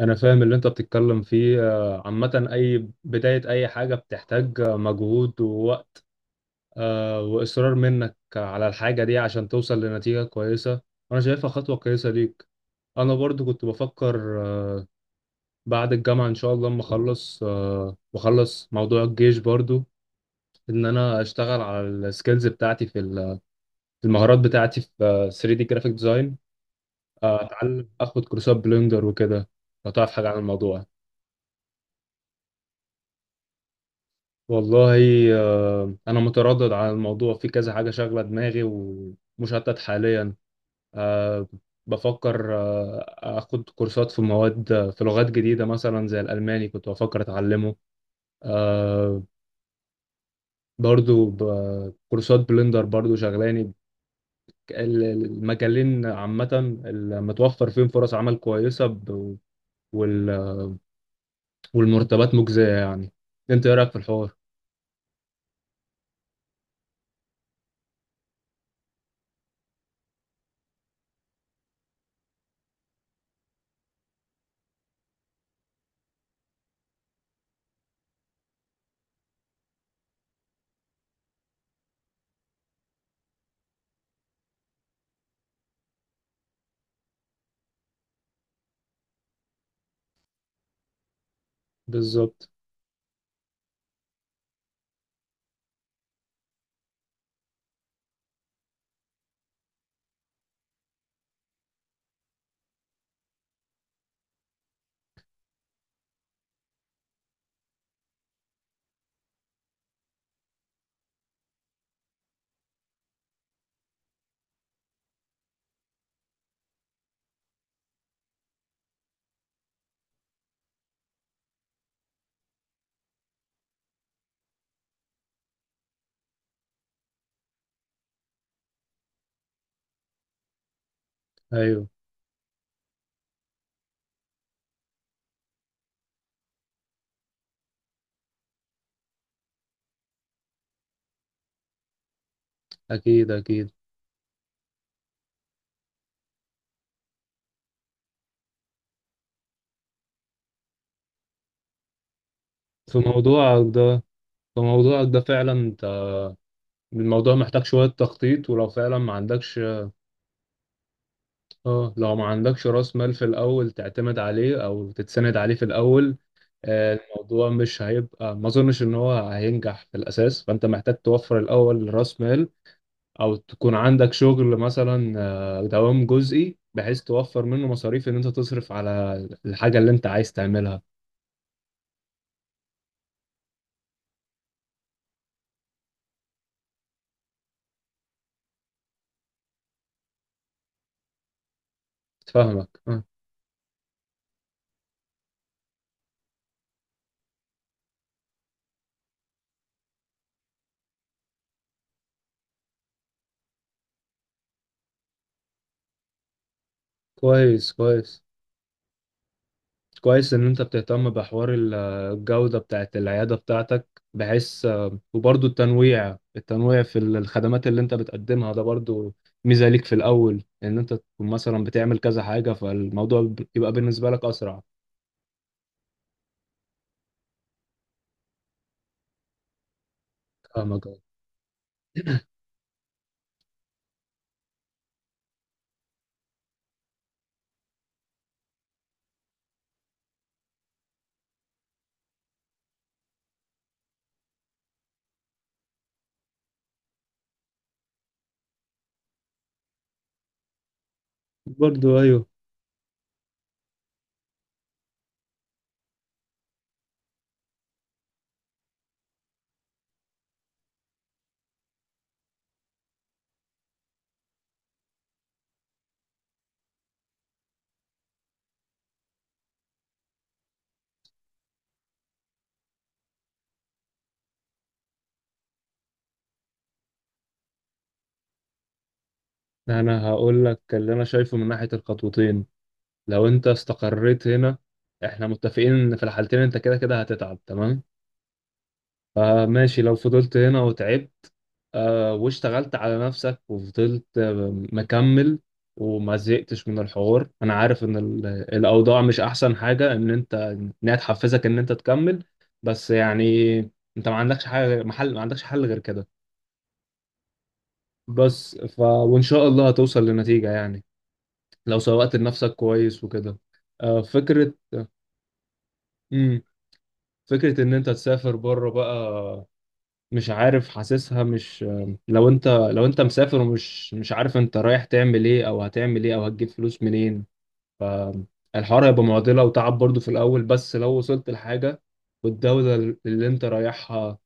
انا فاهم اللي انت بتتكلم فيه، عامة اي بداية اي حاجة بتحتاج مجهود ووقت واصرار منك على الحاجة دي عشان توصل لنتيجة كويسة. انا شايفها خطوة كويسة ليك. انا برضو كنت بفكر، آه، بعد الجامعة ان شاء الله اما اخلص واخلص موضوع الجيش برضو، ان انا اشتغل على السكيلز بتاعتي في المهارات بتاعتي في 3D جرافيك ديزاين. اتعلم اخد كورسات بلندر وكده. لو تعرف حاجة عن الموضوع. والله، أنا متردد على الموضوع، في كذا حاجة شاغلة دماغي ومشتت حاليا. آه، بفكر أخد كورسات في مواد، في لغات جديدة مثلا زي الألماني كنت بفكر أتعلمه. آه، برضو كورسات بلندر برضو شغلاني. المجالين عامة المتوفر فيهم فرص عمل كويسة، وال- والمرتبات مجزية يعني. أنت إيه رأيك في الحوار؟ بالظبط. أيوه. أكيد أكيد. في موضوعك ده، فموضوعك ده فعلا انت الموضوع محتاج شوية تخطيط، ولو فعلا ما عندكش، اه لو ما عندكش راس مال في الأول تعتمد عليه أو تتسند عليه في الأول، الموضوع مش هيبقى، ما أظنش إن هو هينجح في الأساس. فأنت محتاج توفر الأول راس مال أو تكون عندك شغل مثلا دوام جزئي بحيث توفر منه مصاريف إن أنت تصرف على الحاجة اللي أنت عايز تعملها. فاهمك اه. كويس كويس. كويس ان انت بتهتم بحوار الجودة بتاعت العيادة بتاعتك بحيث، وبرضو التنويع، في الخدمات اللي انت بتقدمها ده برضو ميزة ليك في الاول، ان انت تكون مثلا بتعمل كذا حاجة، فالموضوع يبقى بالنسبة لك اسرع. فاهمك أه. برضو. ايوه، انا هقول لك اللي انا شايفه من ناحية الخطوتين. لو انت استقريت هنا، احنا متفقين ان في الحالتين انت كده كده هتتعب، تمام؟ فماشي، لو فضلت هنا وتعبت واشتغلت على نفسك وفضلت مكمل وما زهقتش من الحوار، انا عارف ان الاوضاع مش احسن حاجه، ان انت انها تحفزك ان انت تكمل. بس يعني انت ما عندكش حاجه غير- محل ما عندكش حل غير كده. بس ف وان شاء الله هتوصل لنتيجه يعني، لو سوقت لنفسك كويس وكده. فكره. مم. فكره ان انت تسافر بره بقى، مش عارف، حاسسها مش، لو انت مسافر مش عارف انت رايح تعمل ايه او هتعمل ايه او هتجيب فلوس منين، فالحوار هيبقى معضلة وتعب برضو في الاول. بس لو وصلت لحاجة، والدولة اللي انت رايحها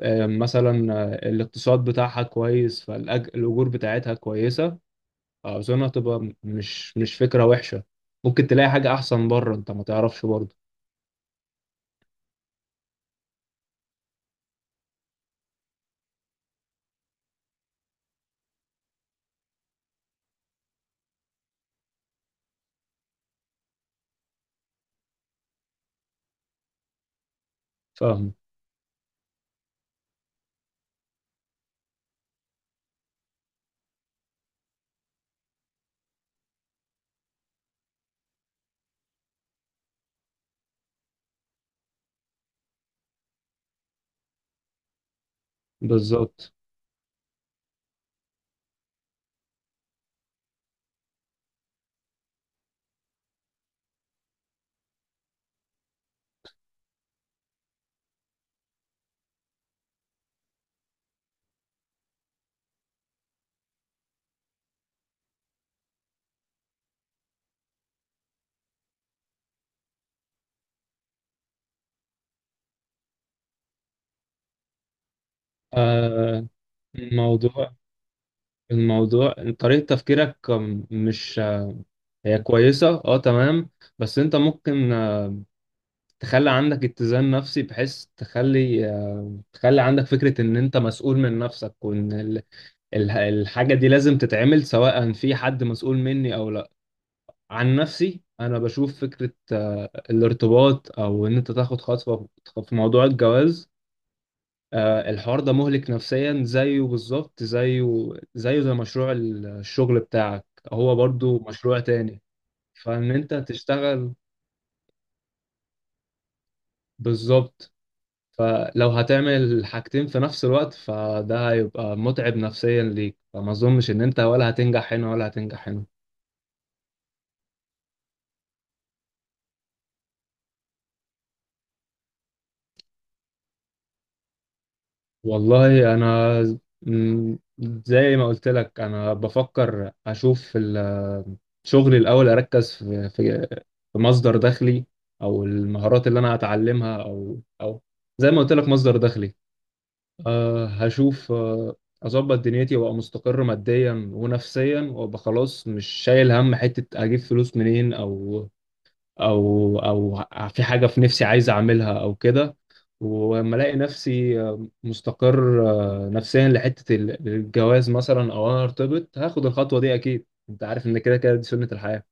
مثلا الاقتصاد بتاعها كويس، فالاجور بتاعتها كويسة، اظن هتبقى مش فكرة وحشة. ممكن تلاقي حاجة احسن بره انت ما تعرفش برضو. فاهم. بالظبط. آه، موضوع، الموضوع طريقة تفكيرك، مش، هي كويسة اه تمام، بس انت ممكن تخلي عندك اتزان نفسي، بحيث تخلي، تخلي عندك فكرة ان انت مسؤول من نفسك، وان الحاجة دي لازم تتعمل، سواء في حد مسؤول مني او لا. عن نفسي انا بشوف فكرة الارتباط او ان انت تاخد خطوة في موضوع الجواز، الحوار ده مهلك نفسيا، زيه بالظبط، زيه زي مشروع الشغل بتاعك، هو برضو مشروع تاني. فان انت تشتغل، بالظبط، فلو هتعمل حاجتين في نفس الوقت فده هيبقى متعب نفسيا ليك، فما اظنش ان انت ولا هتنجح هنا ولا هتنجح هنا. والله انا زي ما قلت لك، انا بفكر اشوف شغلي الاول، اركز في مصدر دخلي، او المهارات اللي انا هتعلمها، او او زي ما قلت لك مصدر دخلي. أه هشوف، اظبط دنيتي وابقى مستقر ماديا ونفسيا، وابقى خلاص مش شايل هم حتة اجيب فلوس منين او في حاجه في نفسي عايز اعملها او كده. ولما الاقي نفسي مستقر نفسيا لحته الجواز مثلا، او انا ارتبط، هاخد الخطوه دي، اكيد انت عارف ان كده كده دي سنه الحياه.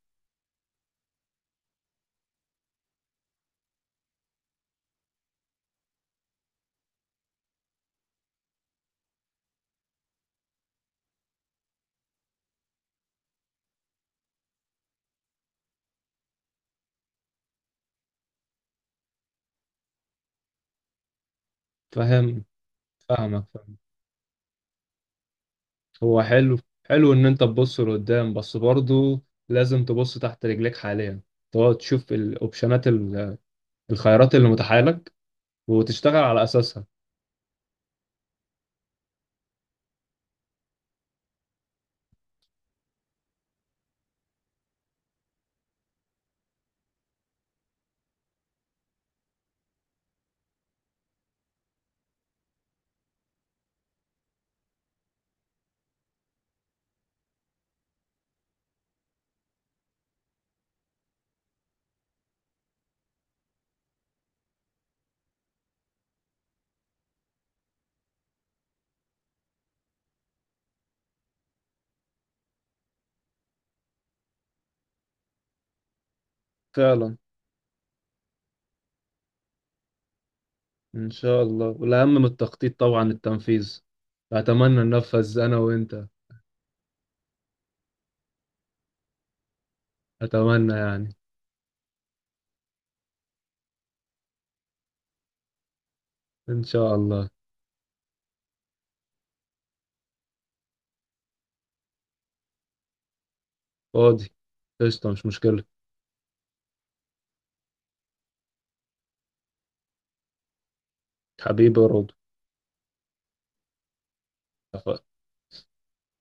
فاهم. فاهمك فاهم. هو حلو، حلو ان انت تبص لقدام، بس برضو لازم تبص تحت رجليك حاليا، تقعد تشوف الاوبشنات الخيارات اللي متاحه لك وتشتغل على اساسها. فعلا. إن شاء الله، والأهم من التخطيط طبعا التنفيذ. أتمنى ننفذ أنا وأنت. أتمنى يعني. إن شاء الله. فاضي. قشطة، مش مشكلة. حبيبي يا رضا. اتفقنا.